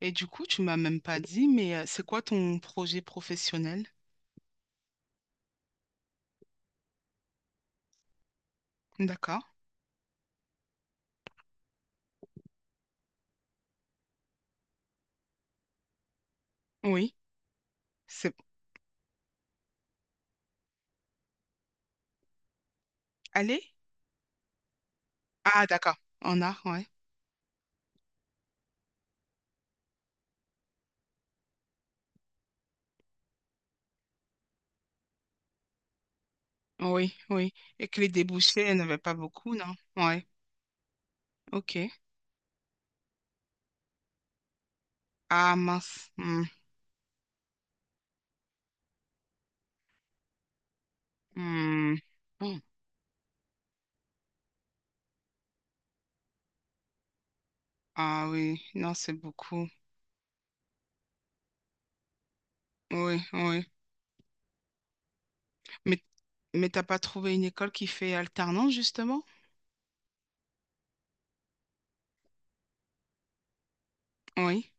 Et du coup, tu m'as même pas dit, mais c'est quoi ton projet professionnel? D'accord. Oui. C'est allez? Ah, d'accord. En art, ouais. Oui, oui. Et que les débouchés, elle n'avait pas beaucoup, non? Ouais. Ok. Ah, mince. Hmm, hmm. Oh. Ah oui, non, c'est beaucoup. Oui, oui. Mais, mais t'as pas trouvé une école qui fait alternance, justement? Oui,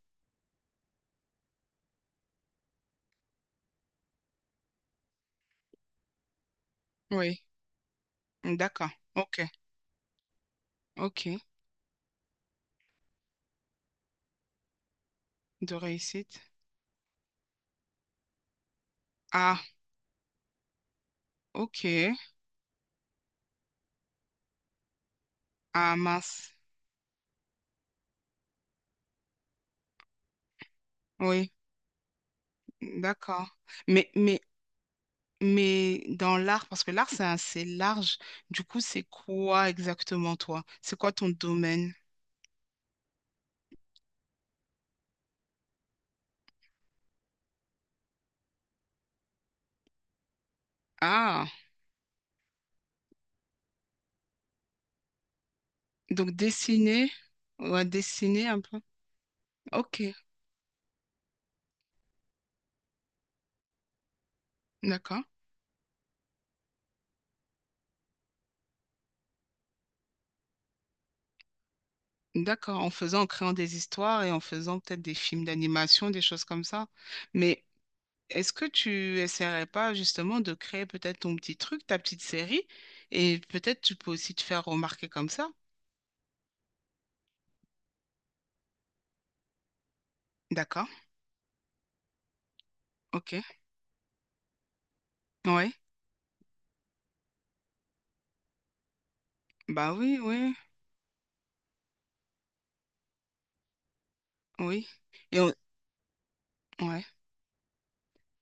oui. D'accord. Ok, ok. De réussite. Ah, ok. Ah, mince. Oui, d'accord. Mais, mais, mais dans l'art, parce que l'art, c'est assez large. Du coup, c'est quoi exactement toi? C'est quoi ton domaine? Ah, donc dessiner, ouais, dessiner un peu. Ok, d'accord. D'accord, en faisant, en créant des histoires et en faisant peut-être des films d'animation, des choses comme ça. Mais est-ce que tu essaierais pas justement de créer peut-être ton petit truc, ta petite série, et peut-être tu peux aussi te faire remarquer comme ça? D'accord, ok. Oui, bah oui, oui. Oui. Et ouais.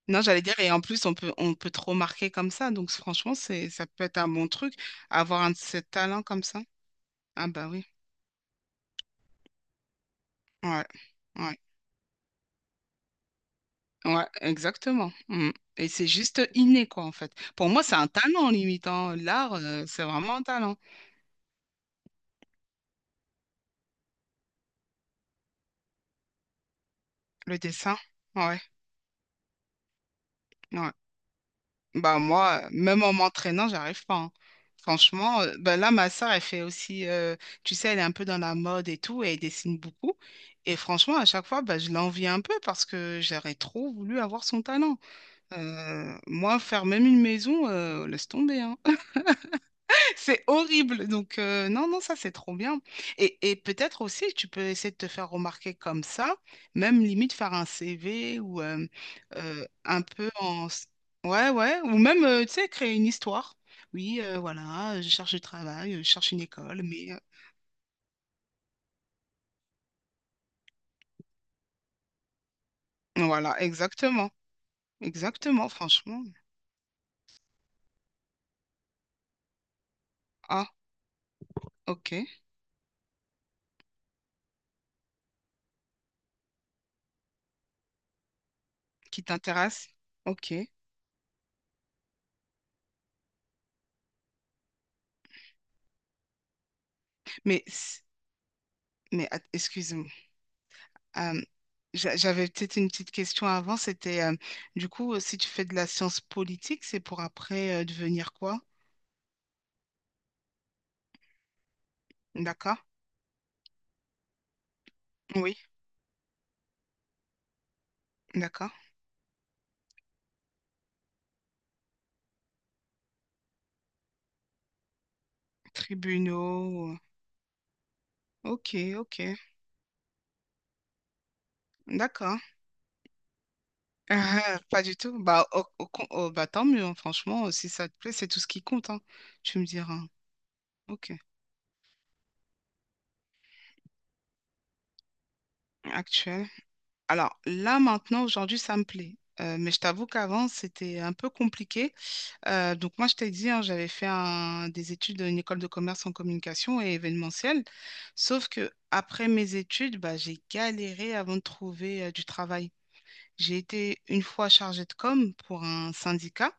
Non, j'allais dire, et en plus, on peut te remarquer comme ça. Donc, franchement, c'est, ça peut être un bon truc, avoir un de ces talents comme ça. Ah, bah oui. Ouais. Ouais. Ouais, exactement. Mm. Et c'est juste inné, quoi, en fait. Pour moi, c'est un talent, limitant l'art, c'est vraiment un talent. Le dessin. Ouais. Ouais. Bah moi, même en m'entraînant, j'arrive pas, hein. Franchement, bah là, ma sœur, elle fait aussi, tu sais, elle est un peu dans la mode et tout, et elle dessine beaucoup. Et franchement, à chaque fois, bah, je l'envie un peu parce que j'aurais trop voulu avoir son talent. Moi, faire même une maison, laisse tomber, hein. C'est horrible. Donc, non, non, ça, c'est trop bien. Et peut-être aussi, tu peux essayer de te faire remarquer comme ça, même limite faire un CV ou un peu en... Ouais, ouais. Ou même, tu sais, créer une histoire. Oui, voilà, je cherche du travail, je cherche une école, mais... Voilà, exactement. Exactement, franchement. Ah, ok. Qui t'intéresse? Ok. Mais, excuse-moi. Euh, j'avais peut-être une petite question avant, c'était du coup, si tu fais de la science politique, c'est pour après devenir quoi? D'accord? Oui, d'accord. Tribunaux. Ok, ok, d'accord. Ah, pas du tout. Bah, oh, bah tant mieux, hein, franchement, si ça te plaît, c'est tout ce qui compte, hein. Tu me diras. Ok, actuel. Alors là, maintenant, aujourd'hui, ça me plaît. Mais je t'avoue qu'avant, c'était un peu compliqué. Donc moi, je t'ai dit, hein, j'avais fait des études à une école de commerce en communication et événementiel. Sauf que après mes études, bah, j'ai galéré avant de trouver du travail. J'ai été une fois chargée de com pour un syndicat.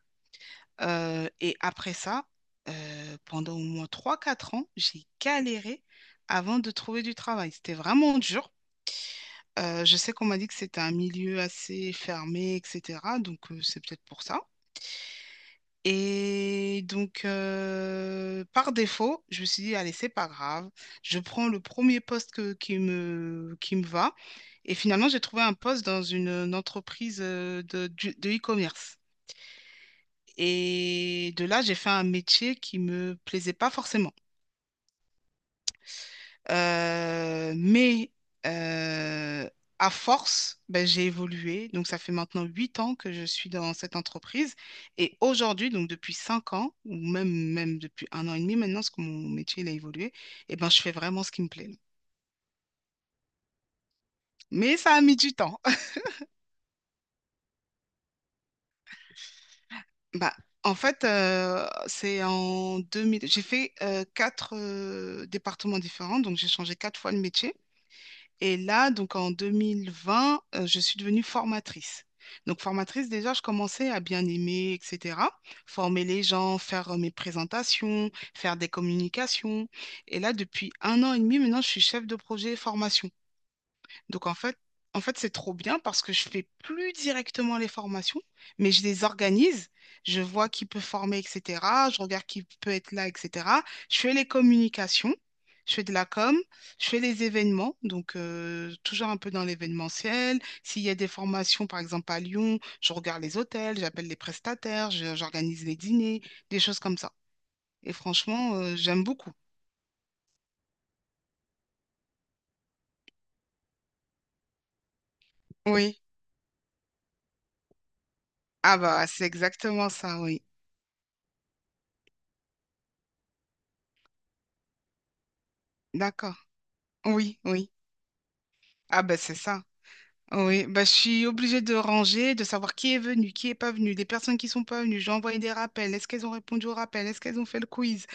Et après ça, pendant au moins trois quatre ans, j'ai galéré avant de trouver du travail. C'était vraiment dur. Je sais qu'on m'a dit que c'était un milieu assez fermé, etc. Donc c'est peut-être pour ça. Et donc, par défaut, je me suis dit, allez, c'est pas grave. Je prends le premier poste qui me va. Et finalement, j'ai trouvé un poste dans une entreprise de e-commerce. Et de là, j'ai fait un métier qui me plaisait pas forcément. Mais euh, à force, ben, j'ai évolué. Donc, ça fait maintenant 8 ans que je suis dans cette entreprise. Et aujourd'hui, donc depuis 5 ans, ou même depuis 1 an et demi maintenant, parce que mon métier il a évolué, et ben, je fais vraiment ce qui me plaît. Mais ça a mis du temps. Bah, en fait, c'est en 2000. J'ai fait quatre départements différents, donc j'ai changé quatre fois de métier. Et là, donc en 2020, je suis devenue formatrice. Donc formatrice, déjà, je commençais à bien aimer, etc. Former les gens, faire mes présentations, faire des communications. Et là, depuis 1 an et demi, maintenant, je suis chef de projet formation. Donc en fait, c'est trop bien parce que je fais plus directement les formations, mais je les organise, je vois qui peut former, etc. Je regarde qui peut être là, etc. Je fais les communications, je fais de la com, je fais les événements, donc toujours un peu dans l'événementiel. S'il y a des formations, par exemple à Lyon, je regarde les hôtels, j'appelle les prestataires, j'organise les dîners, des choses comme ça. Et franchement, j'aime beaucoup. Oui. Ah bah, c'est exactement ça, oui. D'accord. Oui, oui. Ah ben c'est ça. Oui, bah je suis obligée de ranger, de savoir qui est venu, qui est pas venu, les personnes qui sont pas venues. J'ai envoyé des rappels. Est-ce qu'elles ont répondu au rappel? Est-ce qu'elles ont fait le quiz?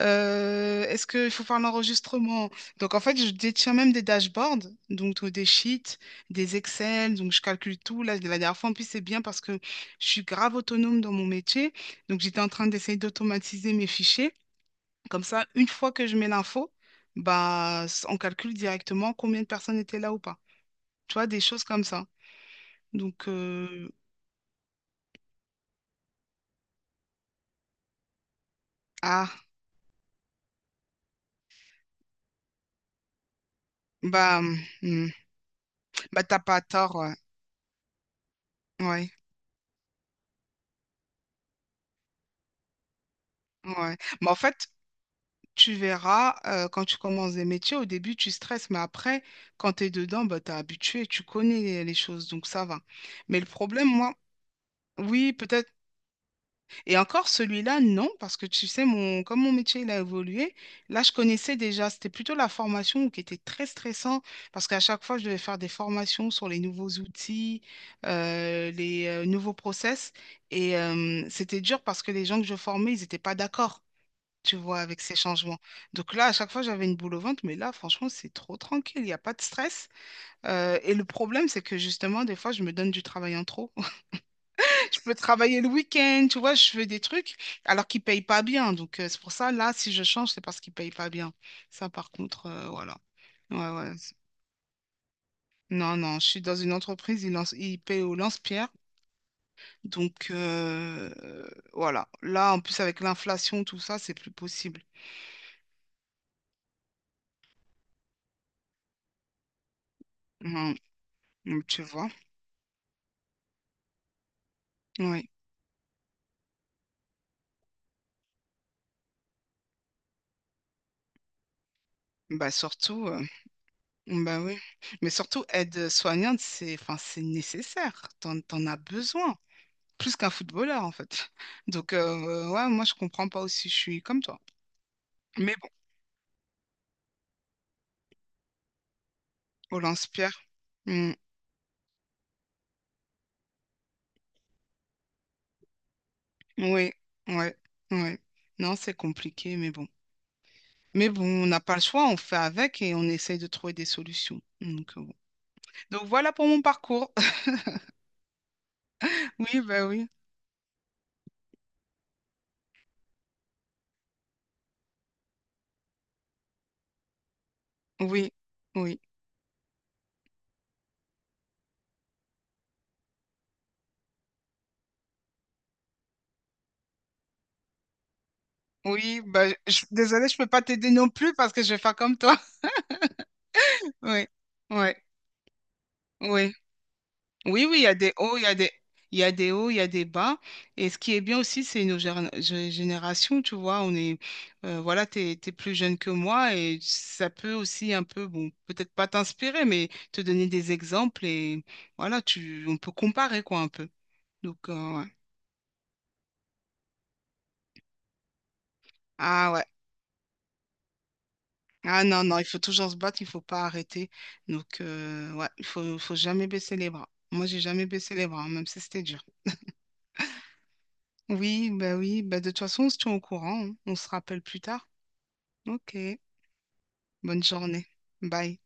Est-ce qu'il faut faire l'enregistrement? Donc en fait, je détiens même des dashboards, donc des sheets, des Excel, donc je calcule tout. Là, la dernière fois en plus, c'est bien parce que je suis grave autonome dans mon métier. Donc j'étais en train d'essayer d'automatiser mes fichiers. Comme ça, une fois que je mets l'info, bah on calcule directement combien de personnes étaient là ou pas. Tu vois, des choses comme ça. Donc, ah, bah, hmm, bah t'as pas tort, ouais. Ouais, ouais. Mais en fait, tu verras, quand tu commences des métiers, au début, tu stresses, mais après, quand tu es dedans, bah, t'es habitué, tu connais les choses, donc ça va. Mais le problème, moi, oui, peut-être. Et encore celui-là, non, parce que tu sais, comme mon métier il a évolué, là je connaissais déjà, c'était plutôt la formation qui était très stressant, parce qu'à chaque fois je devais faire des formations sur les nouveaux outils, les nouveaux process, et c'était dur parce que les gens que je formais, ils n'étaient pas d'accord, tu vois, avec ces changements. Donc là, à chaque fois j'avais une boule au ventre, mais là franchement c'est trop tranquille, il n'y a pas de stress. Et le problème, c'est que justement, des fois je me donne du travail en trop. Je peux travailler le week-end, tu vois, je fais des trucs alors qu'ils payent pas bien. Donc, c'est pour ça, là, si je change, c'est parce qu'ils payent pas bien. Ça, par contre, voilà. Ouais, ouais. Non, non, je suis dans une entreprise, ils payent au lance-pierre. Donc, voilà. Là, en plus, avec l'inflation, tout ça, c'est plus possible. Mhm. Donc, tu vois? Oui. Bah, surtout, bah oui. Mais surtout, aide soignante, c'est, enfin, c'est nécessaire. T'en as besoin. Plus qu'un footballeur en fait. Donc ouais, moi je comprends pas aussi, je suis comme toi. Mais bon, on l'inspire. Mm. Oui, ouais, ouais. Non, c'est compliqué, mais bon. Mais bon, on n'a pas le choix, on fait avec et on essaye de trouver des solutions. Donc, bon. Donc voilà pour mon parcours. Oui, bah oui, oui, oui, oui. Bah, désolée, je peux pas t'aider non plus parce que je vais faire comme toi. Oui, oui, oui. Oui, oui, il y a des hauts, il y a des, il y a des hauts, il y a des bas. Et ce qui est bien aussi, c'est nos générations, tu vois. On est, voilà, t'es plus jeune que moi et ça peut aussi un peu, bon, peut-être pas t'inspirer, mais te donner des exemples et voilà, on peut comparer quoi un peu. Donc, ouais. Ah ouais. Ah non, non, il faut toujours se battre, il faut pas arrêter. Donc, ouais, faut jamais baisser les bras. Moi, j'ai jamais baissé les bras, hein, même si c'était dur. Oui, bah de toute façon, on se tient au courant, hein. On se rappelle plus tard. Ok, bonne journée. Bye.